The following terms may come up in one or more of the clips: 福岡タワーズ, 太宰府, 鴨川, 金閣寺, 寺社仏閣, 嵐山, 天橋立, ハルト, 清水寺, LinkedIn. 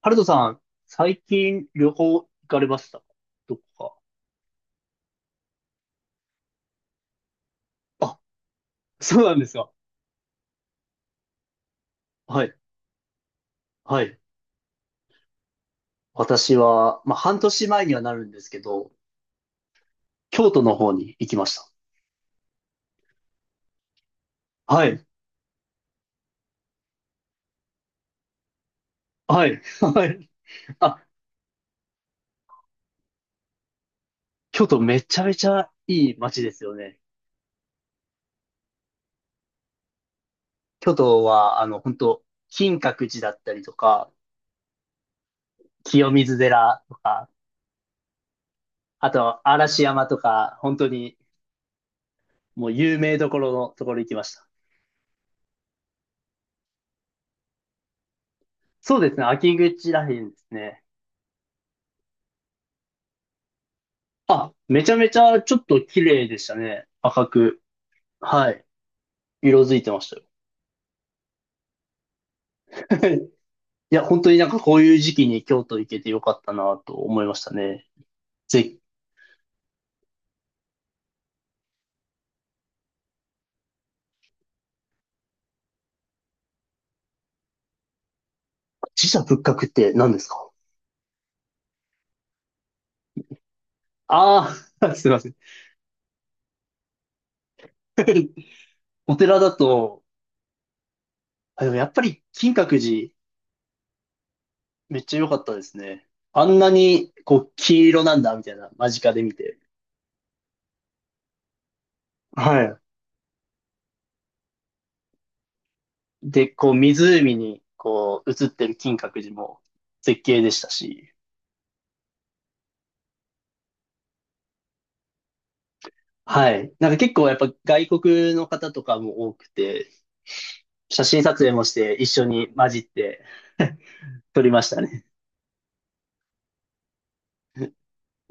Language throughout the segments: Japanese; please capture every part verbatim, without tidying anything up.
ハルトさん、最近旅行行かれましたどこか。あ、そうなんですか。はい。はい。私は、まあ、半年前にはなるんですけど、京都の方に行きました。はい。はい。はい。あ、京都めちゃめちゃいい街ですよね。京都は、あの、本当金閣寺だったりとか、清水寺とか、あと、嵐山とか、本当に、もう有名どころのところ行きました。そうですね。秋口らへんですね。あ、めちゃめちゃちょっと綺麗でしたね。赤く。はい。色づいてましたよ。いや、本当になんかこういう時期に京都行けてよかったなと思いましたね。ぜ、寺社仏閣って何ですか。ああー、すいません。お寺だと、あ、でもやっぱり金閣寺めっちゃ良かったですね。あんなにこう黄色なんだみたいな間近で見て。はい。で、こう湖にこう映ってる金閣寺も絶景でしたし。はい。なんか結構やっぱ外国の方とかも多くて、写真撮影もして一緒に混じって撮りましたね。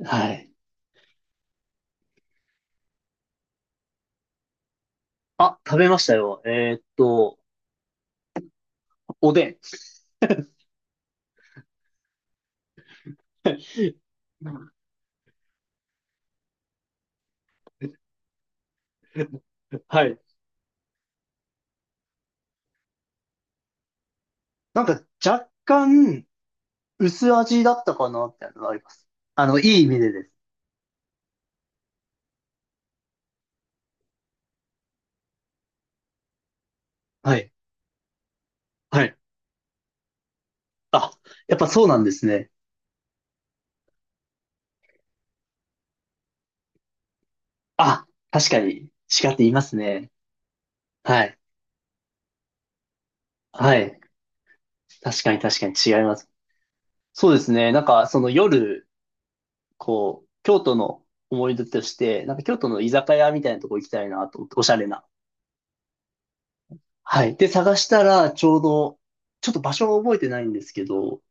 はい。あ、食べましたよ。えーっと、おでん。はい。なんか若干薄味だったかなっていうのがあります。あの、いい意味でです。はい。はい。あ、やっぱそうなんですね。あ、確かに違って言いますね。はい。はい。確かに確かに違います。そうですね。なんかその夜、こう、京都の思い出として、なんか京都の居酒屋みたいなとこ行きたいなと思って、おしゃれな。はい。で、探したら、ちょうど、ちょっと場所を覚えてないんですけど、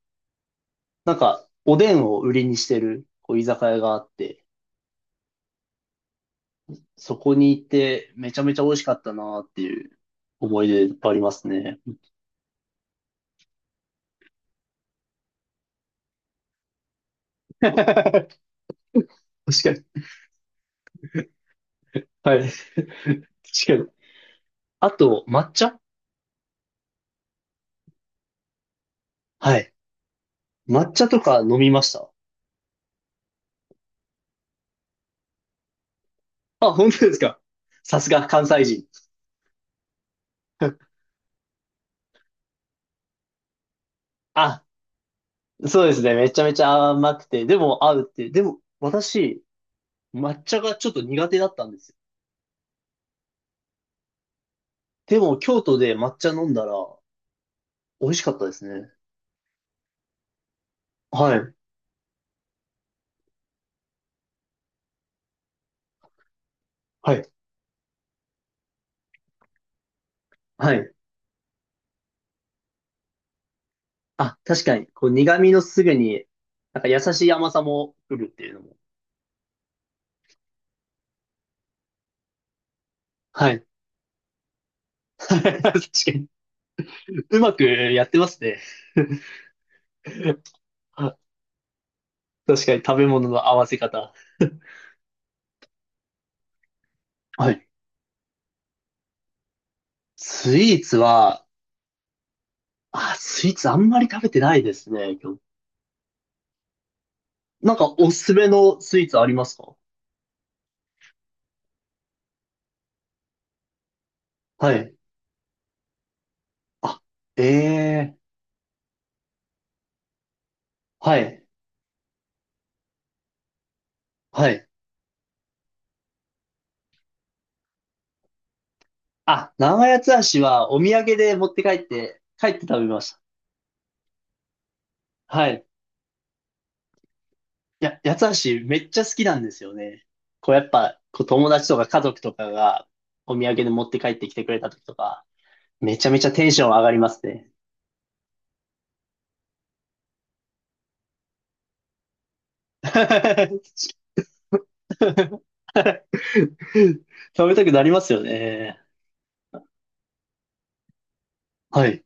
なんか、おでんを売りにしてる、こう、居酒屋があって、そこに行って、めちゃめちゃ美味しかったなっていう思い出いっぱいありますね。確かに。はい。確かに。あと、抹茶はい。抹茶とか飲みました。あ、本当ですか。さすが関西人。あ、そうですね。めちゃめちゃ甘くて、でも合うっていう。でも、私、抹茶がちょっと苦手だったんですよ。でも、京都で抹茶飲んだら、美味しかったですね。はい。はい。はい。あ、確かに、こう、苦味のすぐに、なんか優しい甘さも来るっていうのも。はい。確かに。うまくやってますね。あ確かに、食べ物の合わせ方。はい。スイーツは、あ、スイーツあんまり食べてないですね。今日なんか、おすすめのスイーツありますか。はい。あ、ええはい、はい。あ、生八つ橋はお土産で持って帰って、帰って食べました。はい。いや、八つ橋めっちゃ好きなんですよね。こうやっぱ、こう友達とか家族とかがお土産で持って帰ってきてくれた時とか、めちゃめちゃテンション上がりますね。食べたくなりますよね。はい。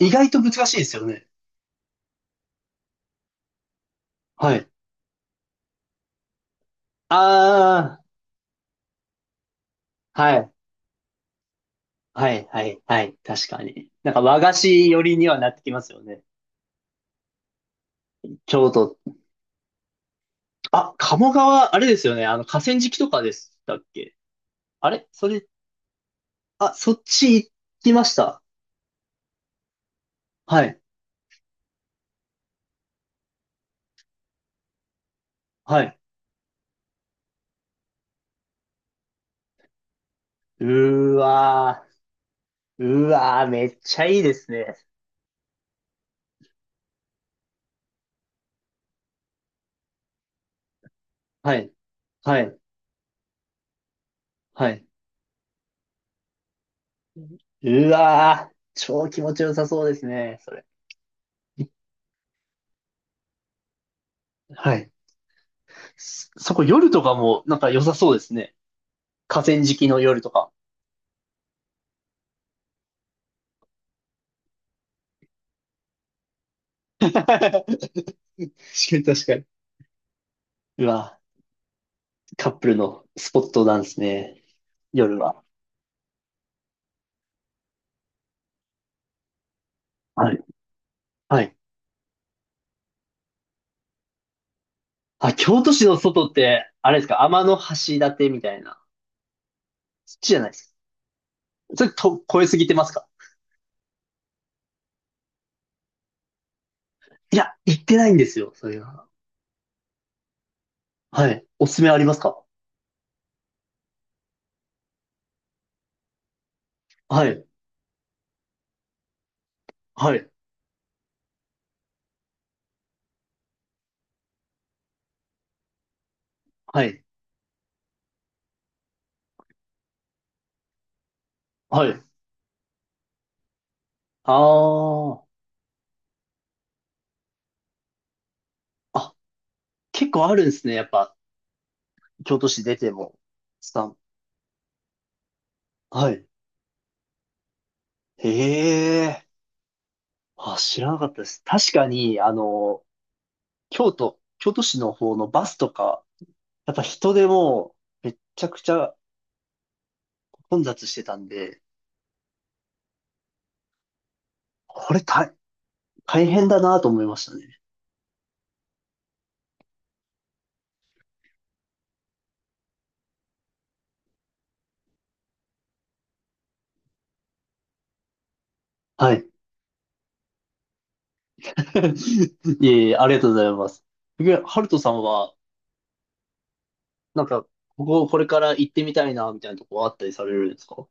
意外と難しいですよね。はい。ああ、はい。はい、はい、はい。確かに。なんか和菓子寄りにはなってきますよね。京都。あ、鴨川、あれですよね。あの、河川敷とかでしたっけ。あれそれ、あ、そっち行きました。はい、はい。うーわー、うーわー、めっちゃいいですね。はい、はい、はい。うわー、超気持ちよさそうですね、それ。はい。そそこ夜とかもなんか良さそうですね。河川敷の夜とか。確かに確かに。うわ。カップルのスポットなんですね。夜は。はい。はい。あ、京都市の外って、あれですか、天橋立みたいな。そっちじゃないです。それと、超えすぎてますか。いや、行ってないんですよ、それは。はい。おすすめありますか。はい。はい。はい。はい。ああ。あ、結構あるんですね。やっぱ、京都市出ても。スタン。はい。へえ。あ、知らなかったです。確かに、あの、京都、京都市の方のバスとか、やっぱ人でもうめっちゃくちゃ混雑してたんで、これ大、大変だなと思いましたね。はい。いえいえ、ありがとうございます。で、ハルトさんは、なんか、ここ、これから行ってみたいな、みたいなとこあったりされるんですか。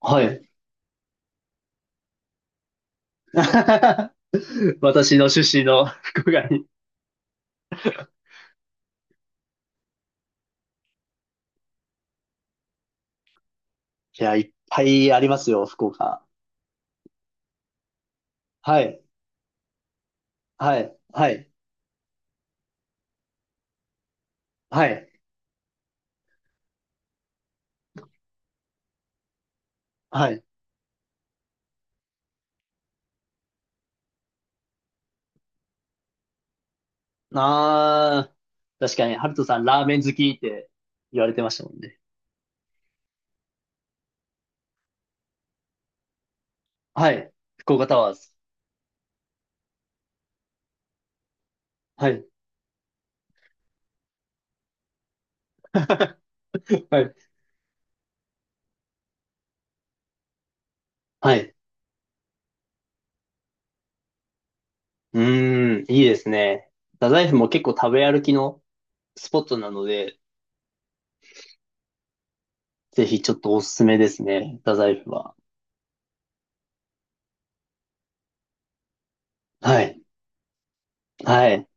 はい。私の出身の福岡に。いや、いっぱいありますよ、福岡。はい。はい。はい。はい。はい。あー、確かに、ハルトさんラーメン好きって言われてましたもんね。はい。福岡タワーズ。はい。はい。はい。うーん、いいですね。太宰府も結構食べ歩きのスポットなので、ぜひちょっとおすすめですね。太宰府は。はい。はい。